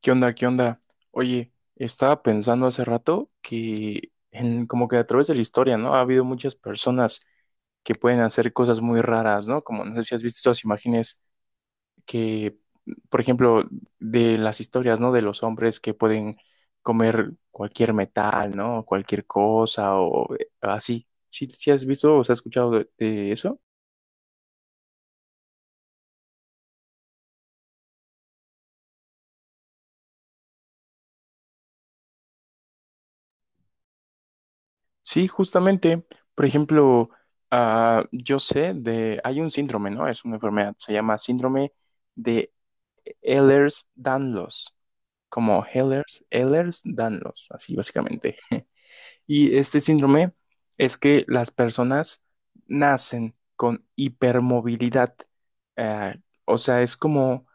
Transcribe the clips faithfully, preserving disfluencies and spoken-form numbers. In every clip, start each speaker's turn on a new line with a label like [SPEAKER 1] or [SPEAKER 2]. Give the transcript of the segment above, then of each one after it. [SPEAKER 1] ¿Qué onda? ¿Qué onda? Oye, estaba pensando hace rato que en, como que a través de la historia, ¿no? Ha habido muchas personas que pueden hacer cosas muy raras, ¿no? Como no sé si has visto estas imágenes que, por ejemplo, de las historias, ¿no? De los hombres que pueden comer cualquier metal, ¿no? Cualquier cosa o eh, así. ¿Sí, sí has visto o has escuchado de de eso? Sí, justamente, por ejemplo, ah, yo sé de, hay un síndrome, ¿no? Es una enfermedad, se llama síndrome de Ehlers-Danlos, como Ehlers, Ehlers-Danlos, así básicamente. Y este síndrome es que las personas nacen con hipermovilidad, eh, o sea, es como,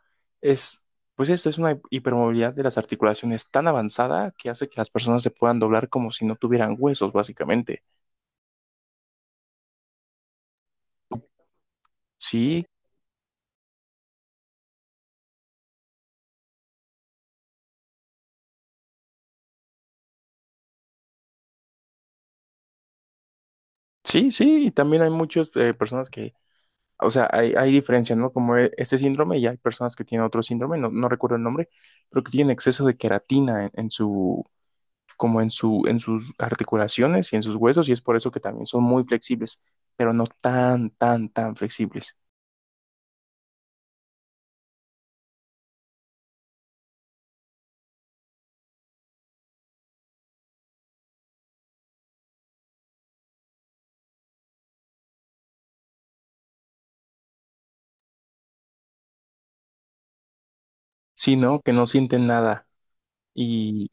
[SPEAKER 1] es, pues esto es una hipermovilidad de las articulaciones tan avanzada que hace que las personas se puedan doblar como si no tuvieran huesos, básicamente. Sí, sí, sí, y también hay muchas eh, personas que, o sea, hay, hay diferencias, ¿no? Como e- este síndrome y hay personas que tienen otro síndrome, no, no recuerdo el nombre, pero que tienen exceso de queratina en, en su, como en su, en sus articulaciones y en sus huesos y es por eso que también son muy flexibles, pero no tan, tan, tan flexibles, sino que no sienten nada y,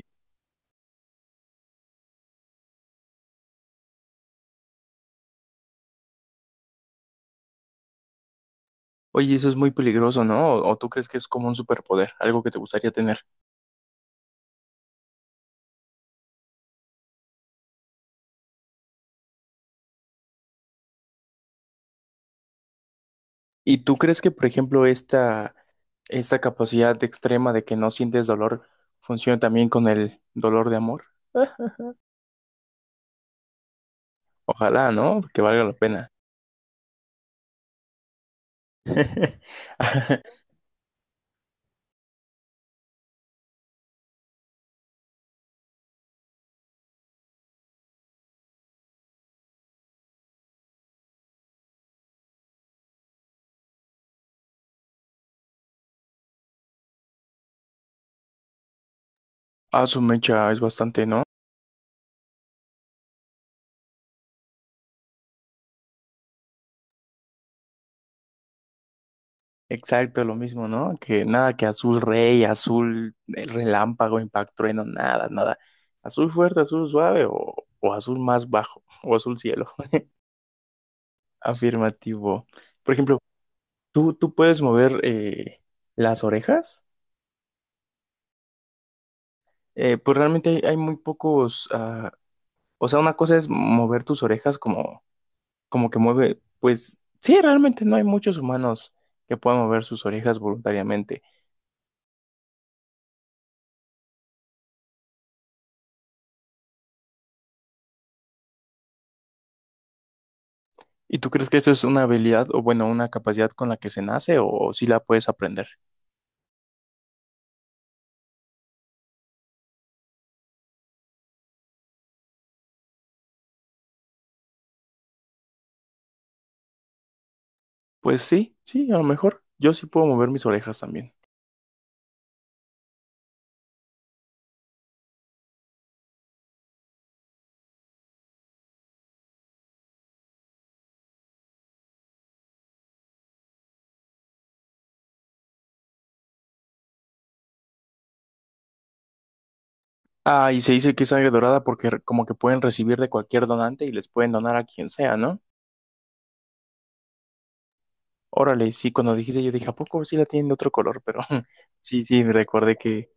[SPEAKER 1] oye, eso es muy peligroso, ¿no? ¿O, o tú crees que es como un superpoder, algo que te gustaría tener? ¿Y tú crees que, por ejemplo, esta, esta capacidad extrema de que no sientes dolor funciona también con el dolor de amor? Ojalá, ¿no? Que valga la pena. Ah, su mecha es bastante, ¿no? Exacto, lo mismo, ¿no? Que nada, que azul rey, azul el relámpago, impacto, trueno, nada, nada. Azul fuerte, azul suave o, o azul más bajo o azul cielo. Afirmativo. Por ejemplo, ¿tú, tú puedes mover eh, las orejas? Eh, pues realmente hay, hay muy pocos, ah, o sea, una cosa es mover tus orejas como, como que mueve, pues sí, realmente no hay muchos humanos que puedan mover sus orejas voluntariamente. ¿Y tú crees que eso es una habilidad o bueno, una capacidad con la que se nace o, si sí la puedes aprender? Pues sí, sí, a lo mejor yo sí puedo mover mis orejas también. Ah, y se dice que es sangre dorada porque re- como que pueden recibir de cualquier donante y les pueden donar a quien sea, ¿no? Órale, sí, cuando dijiste yo dije, ¿a poco sí la tienen de otro color? Pero sí, sí, me recordé que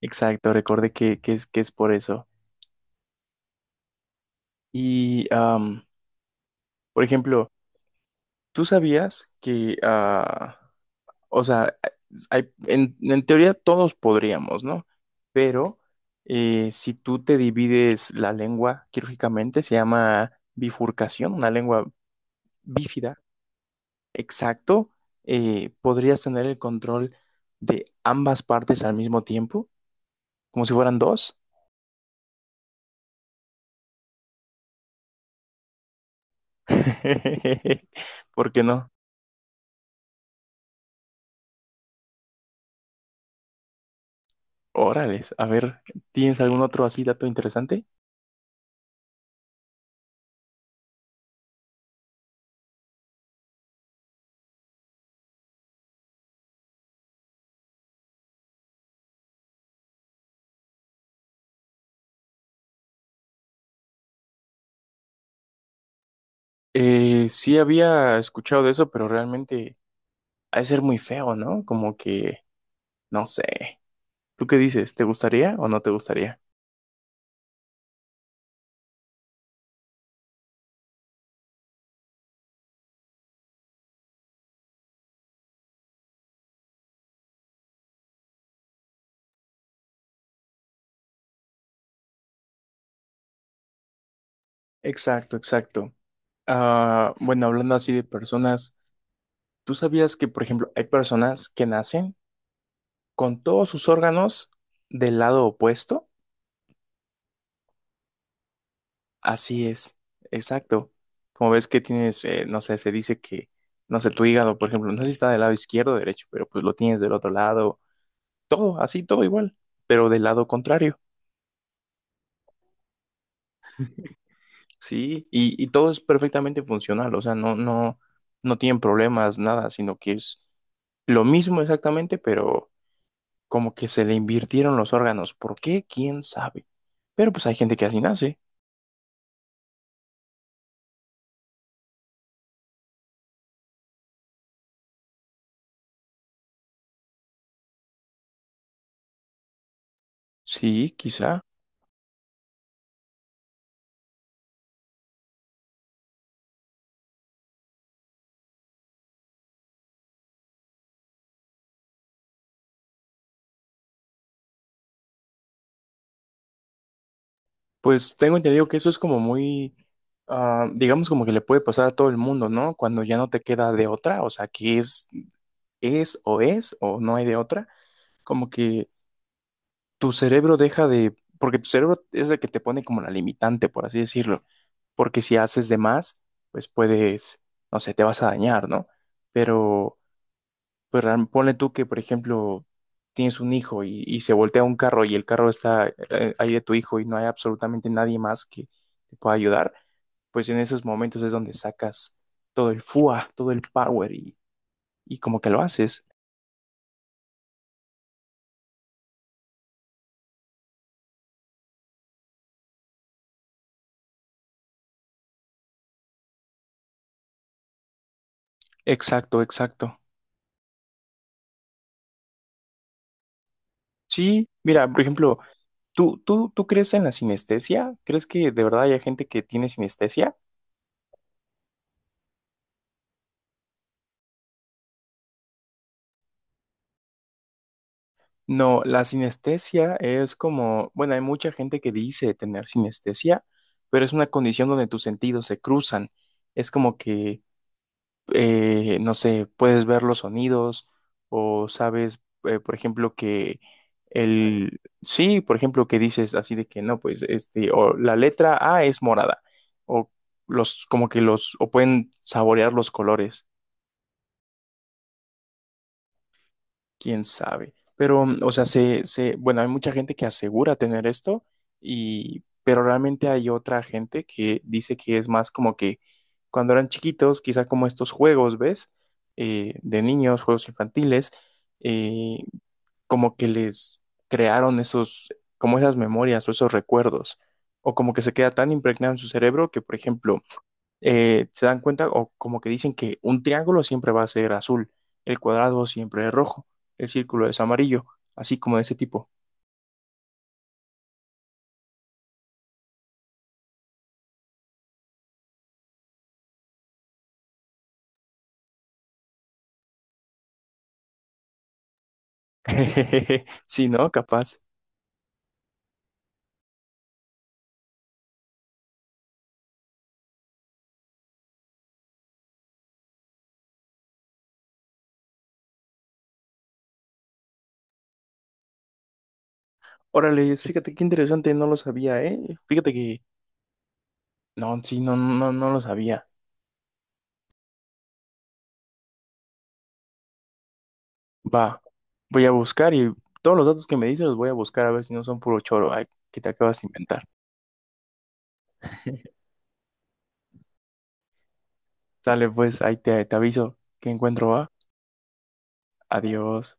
[SPEAKER 1] exacto, recordé que, que es, que es por eso. Y, am, por ejemplo, ¿tú sabías que, ah, o sea, hay- en, en teoría todos podríamos, ¿no? Pero eh, si tú te divides la lengua quirúrgicamente, se llama bifurcación, una lengua bífida, exacto, eh, podrías tener el control de ambas partes al mismo tiempo, como si fueran dos. ¿Por qué no? Órales, a ver, ¿tienes algún otro así dato interesante? Eh, sí había escuchado de eso, pero realmente ha de ser muy feo, ¿no? Como que, no sé. ¿Tú qué dices? ¿Te gustaría o no te gustaría? Exacto, exacto. Ah, bueno, hablando así de personas, ¿tú sabías que, por ejemplo, hay personas que nacen con todos sus órganos del lado opuesto? Así es, exacto. Como ves que tienes, eh, no sé, se dice que, no sé, tu hígado, por ejemplo, no sé si está del lado izquierdo o derecho, pero pues lo tienes del otro lado, todo, así, todo igual, pero del lado contrario, ¿sí? Y, y todo es perfectamente funcional, o sea, no, no, no tienen problemas, nada, sino que es lo mismo exactamente, pero como que se le invirtieron los órganos. ¿Por qué? ¿Quién sabe? Pero pues hay gente que así nace. Sí, quizá. Pues tengo entendido que eso es como muy, ah, digamos como que le puede pasar a todo el mundo, ¿no? Cuando ya no te queda de otra, o sea, que es, es o es o no hay de otra, como que tu cerebro deja de, porque tu cerebro es el que te pone como la limitante, por así decirlo, porque si haces de más, pues puedes, no sé, te vas a dañar, ¿no? Pero, pues real- ponle tú que, por ejemplo, tienes un hijo y, y se voltea un carro y el carro está eh, ahí de tu hijo y no hay absolutamente nadie más que te pueda ayudar pues en esos momentos es donde sacas todo el FUA, todo el power y, y como que lo haces. Exacto, exacto. Sí, mira, por ejemplo, ¿tú, tú, tú crees en la sinestesia? ¿Crees que de verdad hay gente que tiene sinestesia? No, la sinestesia es como, bueno, hay mucha gente que dice tener sinestesia, pero es una condición donde tus sentidos se cruzan. Es como que eh, no sé, puedes ver los sonidos o sabes, eh, por ejemplo, que el, sí, por ejemplo, que dices así de que no, pues este, o la letra A es morada, o los, como que los, o pueden saborear los colores. Quién sabe. Pero, mm, o sea, se, se, bueno, hay mucha gente que asegura tener esto, y, pero realmente hay otra gente que dice que es más como que cuando eran chiquitos, quizá como estos juegos, ¿ves? Eh, de niños, juegos infantiles, eh, como que les crearon esos, como esas memorias o esos recuerdos, o como que se queda tan impregnado en su cerebro que, por ejemplo, eh, se dan cuenta o como que dicen que un triángulo siempre va a ser azul, el cuadrado siempre es rojo, el círculo es amarillo, así como de ese tipo. Sí, ¿no? Capaz. Órale, fíjate qué interesante, no lo sabía, ¿eh? Fíjate que, no, sí, no, no, no lo sabía. Va, voy a buscar y todos los datos que me dices los voy a buscar a ver si no son puro choro, ay, que te acabas de inventar. Sale, pues, ahí te, te aviso que encuentro, va. Adiós.